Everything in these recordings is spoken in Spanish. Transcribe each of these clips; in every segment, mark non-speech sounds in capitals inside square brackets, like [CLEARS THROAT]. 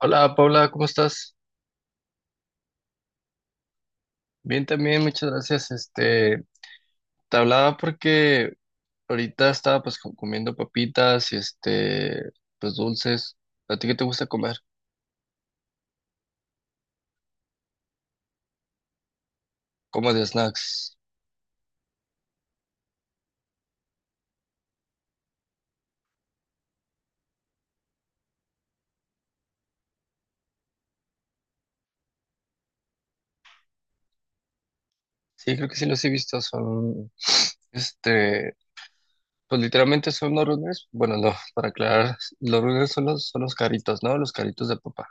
Hola Paula, ¿cómo estás? Bien también, muchas gracias. Te hablaba porque ahorita estaba pues comiendo papitas y pues dulces. ¿A ti qué te gusta comer? Como de snacks. Sí, creo que sí los he visto, son, [SNIFFS] este, pues literalmente son los runners. Bueno, no, [LAUGHS] para aclarar, los runners son son los caritos, ¿no? Los caritos de papá.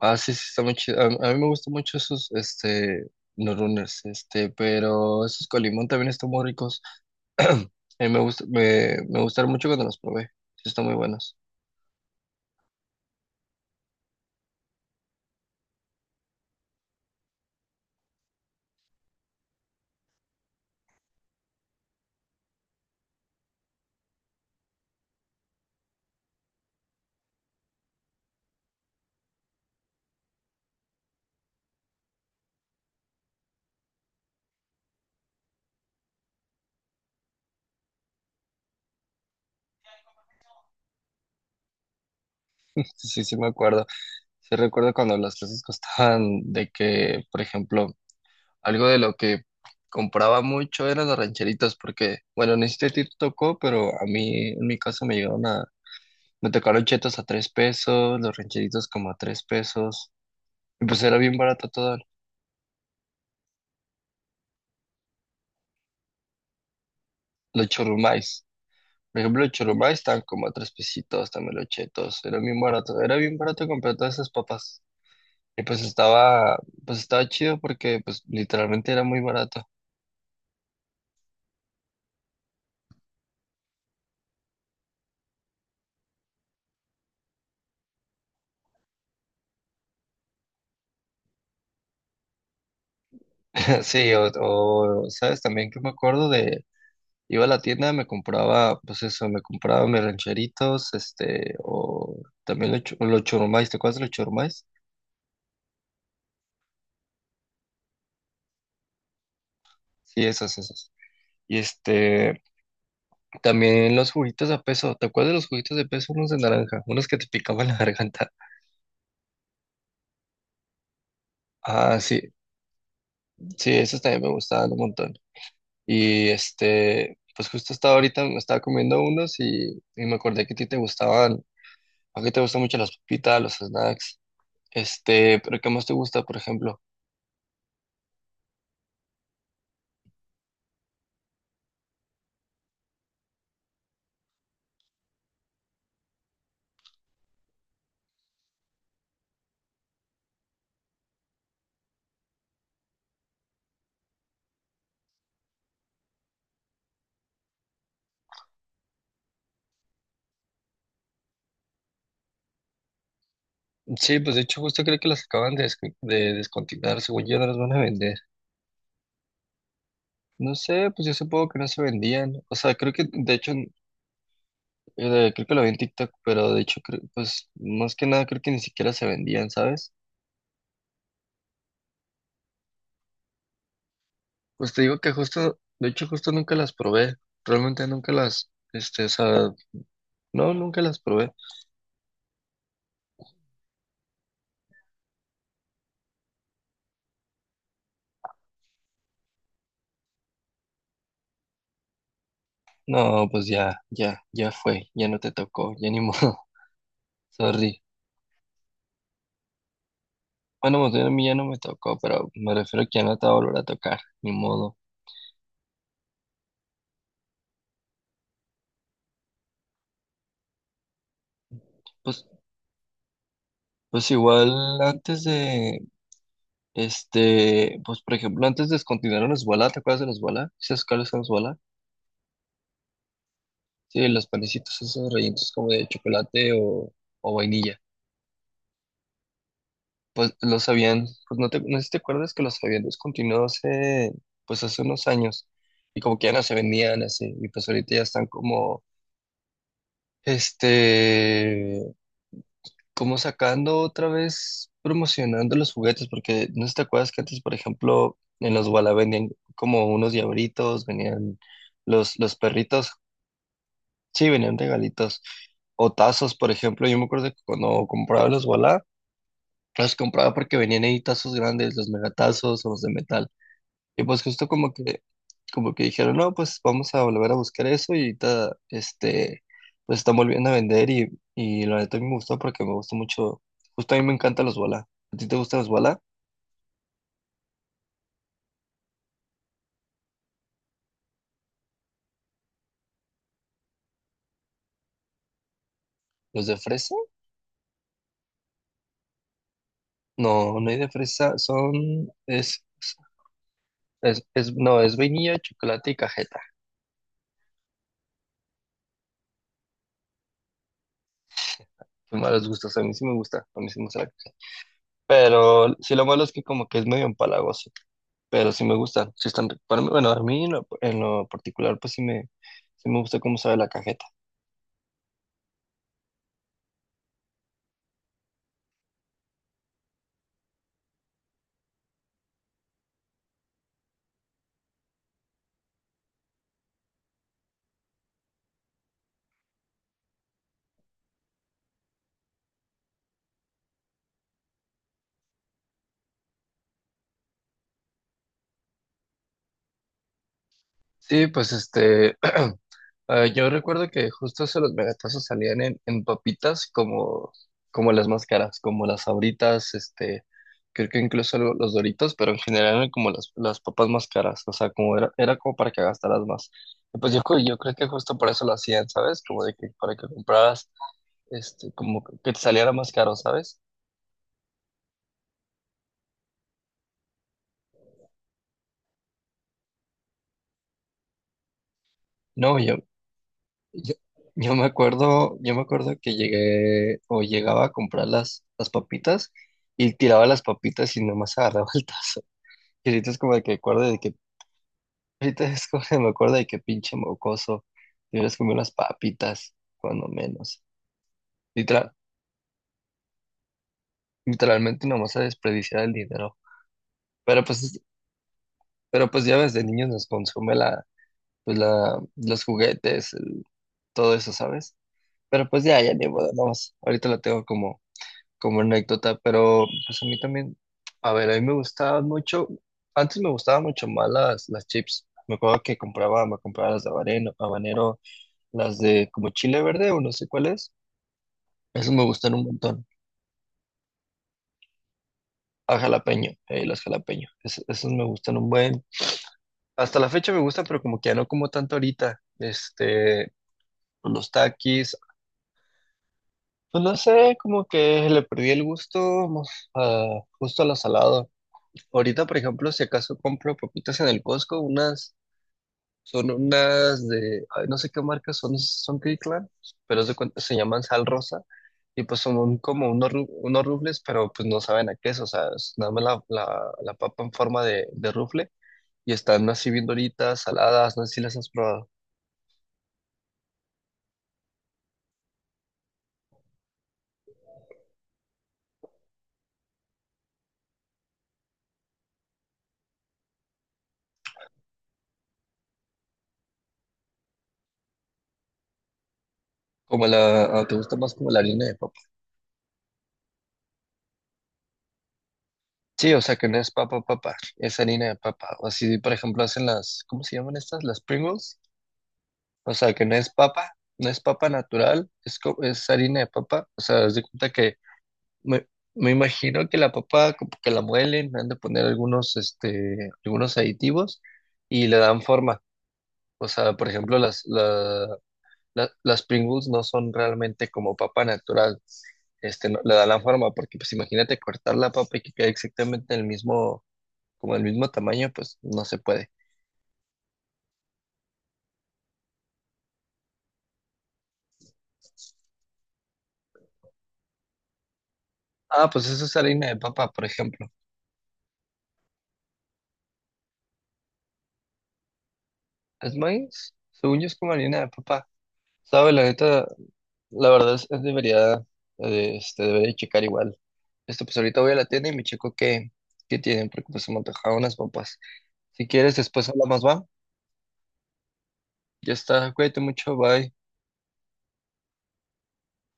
Ah, sí, sí, está muy chido. A mí me gustan mucho esos, los runners, pero esos con limón también están muy ricos. [CLEARS THROAT] A mí me gustaron mucho cuando los probé. Sí, están muy buenos. [LAUGHS] Sí, sí, me acuerdo. Sí, recuerdo cuando las clases costaban de que, por ejemplo, algo de lo que compraba mucho eran las rancheritas, porque, bueno, ni siquiera te tocó, pero a mí, en mi caso, me llegaron a. Me tocaron chetos a 3 pesos, los rancheritos como a 3 pesos. Y pues era bien barato todo. Los churrumais. Por ejemplo, los churrumais estaban como a 3 pesitos, también los chetos. Era bien barato. Era bien barato comprar todas esas papas. Y pues estaba chido porque pues literalmente era muy barato. [LAUGHS] Sí, sabes también que me acuerdo iba a la tienda, me compraba, pues eso, me compraba mis rancheritos, o también los churrumais, ¿te acuerdas de los churrumais? Sí, esas, esas. Y también los juguitos a peso, ¿te acuerdas de los juguitos de peso? Unos de naranja, unos que te picaban la [LAUGHS] garganta. Ah, sí, sí, esos también me gustaban un montón. Y pues justo estaba ahorita, me estaba comiendo unos y me acordé que a ti te gustaban, a ti te gustan mucho las papitas, los snacks, pero ¿qué más te gusta, por ejemplo? Sí, pues de hecho justo creo que las acaban de descontinuar, según yo no las van a vender. No sé, pues yo supongo que no se vendían, o sea, creo que de hecho, creo que lo vi en TikTok, pero de hecho, pues más que nada creo que ni siquiera se vendían, ¿sabes? Pues te digo que justo, de hecho justo nunca las probé, realmente nunca las, o sea, no, nunca las probé. No, pues ya, ya, ya fue, ya no te tocó, ya ni modo, [LAUGHS] sorry. Bueno, más bien a mí ya no me tocó, pero me refiero que ya no te va a volver a tocar, ni modo. Pues, pues igual antes pues por ejemplo, antes descontinuaron los bola, ¿te acuerdas de los bola? ¿Sabes cuáles son los bola? Sí, los panecitos esos rellenos como de chocolate o vainilla. Pues los habían, pues no te, no sé si te acuerdas que los habían descontinuado pues hace unos años. Y como que ya no se vendían así, y pues ahorita ya están Este, como sacando otra vez, promocionando los juguetes, porque no sé si te acuerdas que antes, por ejemplo, en los Walla vendían como unos diabritos, venían los perritos, sí, venían regalitos, o tazos, por ejemplo, yo me acuerdo que cuando compraba los Walla, los compraba porque venían ahí tazos grandes, los megatazos o los de metal. Y pues justo como que dijeron, no, pues vamos a volver a buscar eso y ahorita, pues están volviendo a vender y la neta a mí me gustó porque me gustó mucho, justo a mí me encantan los bola. ¿A ti te gustan los bola? ¿Los de fresa? No, no hay de fresa, son, es, es- no, es vainilla, chocolate y cajeta. Qué malos gustos, a mí sí me gusta, a mí sí me gusta la cajeta. Pero sí lo malo es que como que es medio empalagoso, pero sí me gustan, sí están ricos, para mí, bueno, a mí en lo particular pues sí me gusta cómo sabe la cajeta. Sí, pues [CLEARS THROAT] yo recuerdo que justo esos los megatazos salían en papitas como las más caras, como las Sabritas, creo que incluso los Doritos, pero en general eran como las papas más caras, o sea, como era como para que gastaras más. Y pues yo creo que justo por eso lo hacían, ¿sabes? Como de que para que compraras, como que te saliera más caro, ¿sabes? No, Yo, yo me acuerdo que llegué o llegaba a comprar las papitas y tiraba las papitas y nomás [LAUGHS] agarraba el tazo. Y ahorita es como de que acuerdo de que, ahorita es como que me acuerdo de que pinche mocoso, te hubieras comido las papitas, cuando menos. Literal, Literalmente nomás a desperdiciar el dinero. Pero pues, pero pues ya ves, de niños nos consume los juguetes, todo eso, ¿sabes? Pero pues ya, ya ni modo, nomás. Ahorita lo tengo como anécdota, pero pues a mí también, a ver, a mí me gustaban mucho, antes me gustaban mucho más las chips. Me acuerdo que compraba, me compraba las de habanero, habanero, las de como chile verde o no sé cuál es. Esas me gustan un montón. A jalapeño, las jalapeño. Esas me gustan un buen. Hasta la fecha me gustan, pero como que ya no como tanto ahorita. Los taquis, pues no sé, como que le perdí el gusto mo- justo a lo salado. Ahorita, por ejemplo, si acaso compro papitas en el Costco, unas, son unas de, ay, no sé qué marca son Kirkland, pero se llaman sal rosa, y pues son como unos rufles, pero pues no saben a qué es, o sea, es nada más la papa en forma de rufle, y están así bien doritas, saladas, no sé si las has probado. Como la, ah, ¿te gusta más como la harina de papa? Sí, o sea que no es papa papa, es harina de papa. O así, por ejemplo, hacen las, ¿cómo se llaman estas? Las Pringles. O sea que no es papa, no es papa natural, es harina de papa. O sea, haz de cuenta que me, me imagino que la papa como que la muelen, le han de poner algunos aditivos y le dan forma. O sea, por ejemplo, las Pringles no son realmente como papa natural. Le dan la forma, porque pues imagínate cortar la papa y que quede exactamente el mismo como del mismo tamaño, pues no se puede. Ah, pues eso es harina de papa, por ejemplo. ¿Es maíz? Según yo es como harina de papa. Sabe, la neta, la verdad es debería checar igual. Esto, pues ahorita voy a la tienda y me checo qué tienen, porque pues se me antojaron unas papas. Si quieres, después hablamos, va. Ya está, cuídate mucho, bye.